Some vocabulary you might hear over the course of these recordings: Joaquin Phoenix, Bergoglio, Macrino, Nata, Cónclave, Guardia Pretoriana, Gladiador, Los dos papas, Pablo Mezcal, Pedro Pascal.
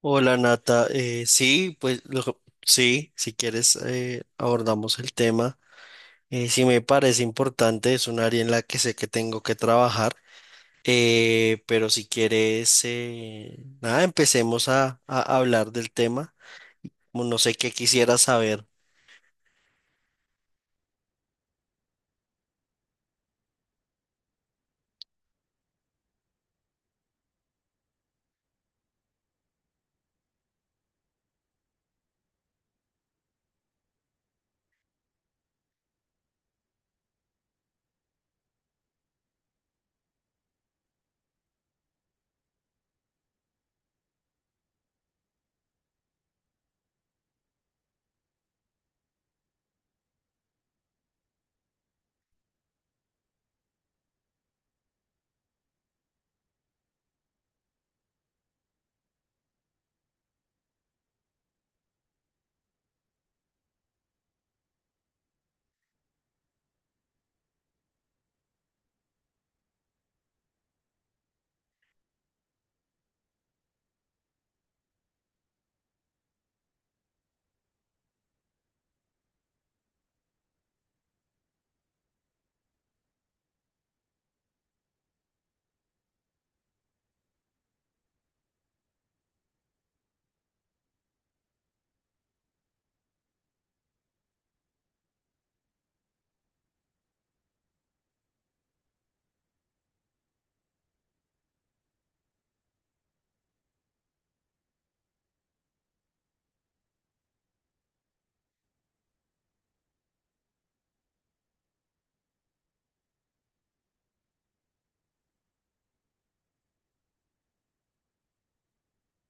Hola Nata. Sí, pues sí, si quieres, abordamos el tema. Sí, me parece importante, es un área en la que sé que tengo que trabajar, pero si quieres, nada, empecemos a hablar del tema. Como no sé qué quisiera saber.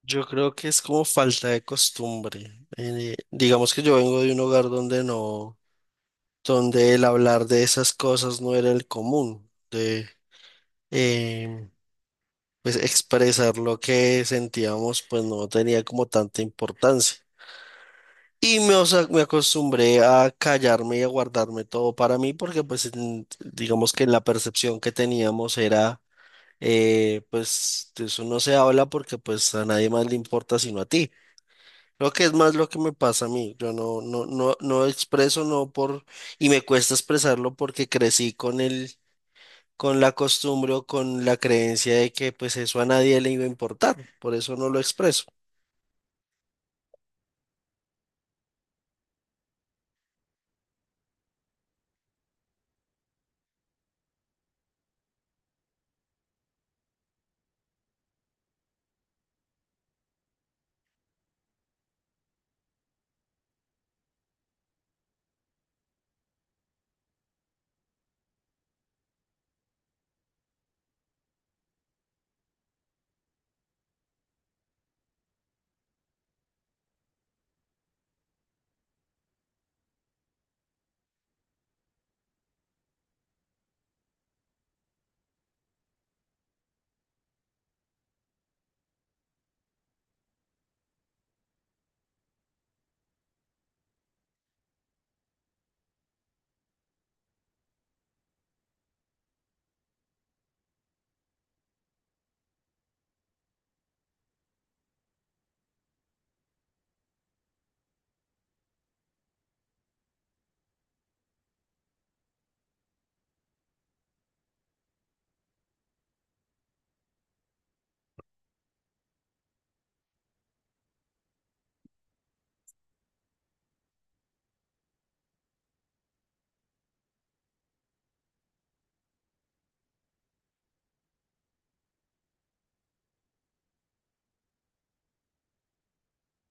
Yo creo que es como falta de costumbre. Digamos que yo vengo de un hogar donde no, donde el hablar de esas cosas no era el común. Em, pues expresar lo que sentíamos, pues no tenía como tanta importancia. Y me, o sea, me acostumbré a callarme y a guardarme todo para mí porque digamos que la percepción que teníamos era, pues de eso no se habla porque pues a nadie más le importa sino a ti. Creo que es más lo que me pasa a mí. Yo no expreso, no por, y me cuesta expresarlo porque crecí con la costumbre o con la creencia de que pues eso a nadie le iba a importar, por eso no lo expreso.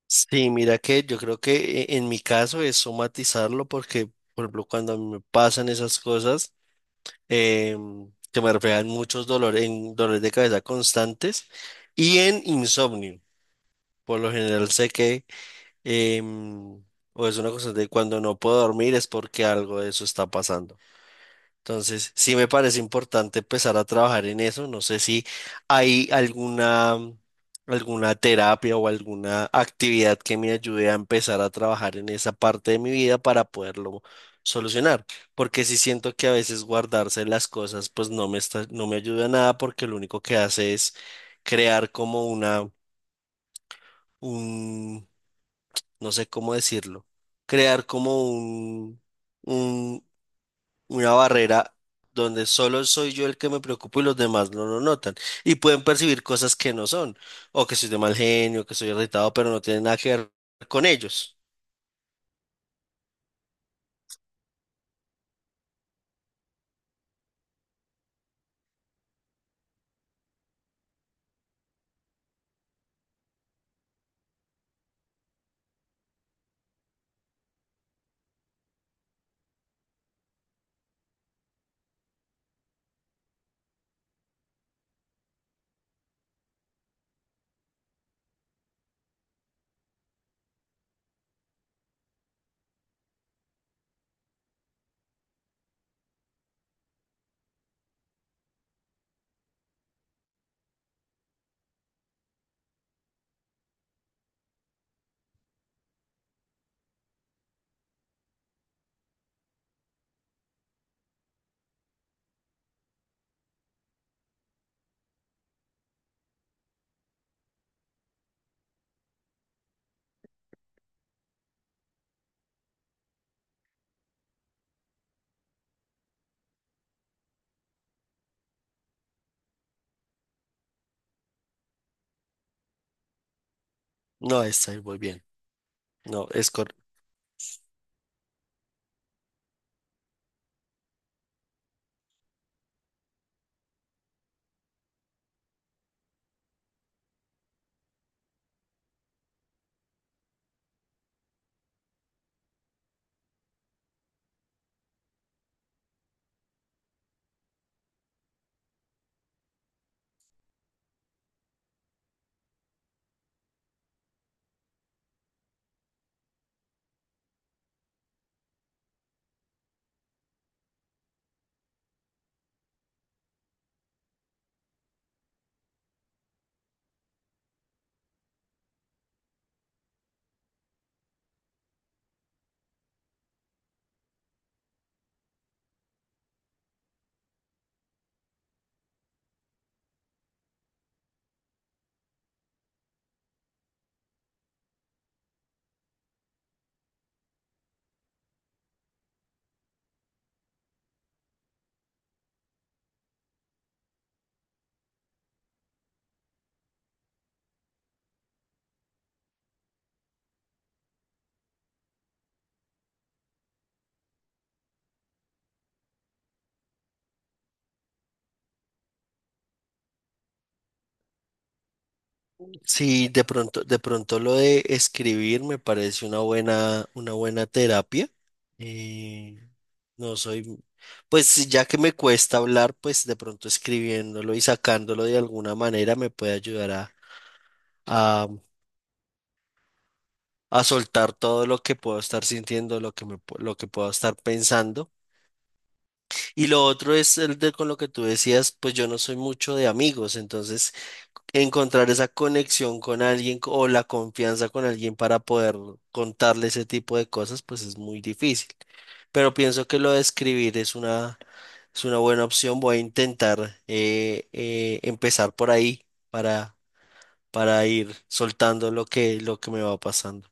Sí, mira que yo creo que en mi caso es somatizarlo porque, por ejemplo, cuando a mí me pasan esas cosas, que me reflejan muchos dolores, en dolores de cabeza constantes y en insomnio. Por lo general sé em, o es una cosa de cuando no puedo dormir es porque algo de eso está pasando. Entonces, sí me parece importante empezar a trabajar en eso. No sé si hay alguna, alguna terapia o alguna actividad que me ayude a empezar a trabajar en esa parte de mi vida para poderlo solucionar. Porque sí siento que a veces guardarse las cosas no me ayuda a nada porque lo único que hace es crear como una, un, no sé cómo decirlo, crear como un, una barrera donde solo soy yo el que me preocupo y los demás no lo notan. Y pueden percibir cosas que no son, o que soy de mal genio, que soy irritado, pero no tiene nada que ver con ellos. No, está ahí muy bien. No, es cor- Sí, de pronto lo de escribir me parece una buena terapia. Eh, no soy, pues sí, ya que me cuesta hablar, pues de pronto escribiéndolo y sacándolo de alguna manera me puede ayudar a, a soltar todo lo que puedo estar sintiendo, lo que puedo estar pensando. Y lo otro es el de con lo que tú decías, pues yo no soy mucho de amigos, entonces encontrar esa conexión o la confianza con alguien para poder contarle ese tipo de cosas, pues es muy difícil. Pero pienso que lo de escribir es una buena opción. Voy a intentar, empezar por ahí para, para ir soltando lo que me va pasando.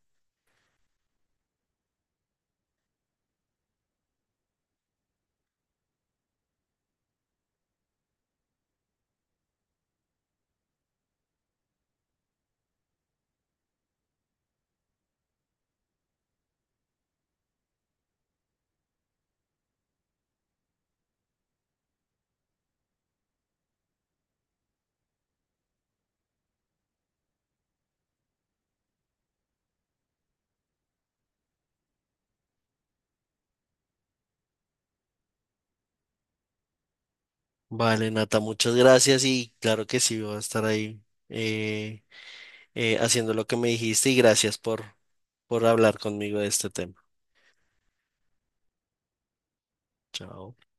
Vale, Nata, muchas gracias y claro que sí, voy a estar ahí, eh, haciendo lo que me dijiste y gracias por hablar conmigo de este tema. Chao.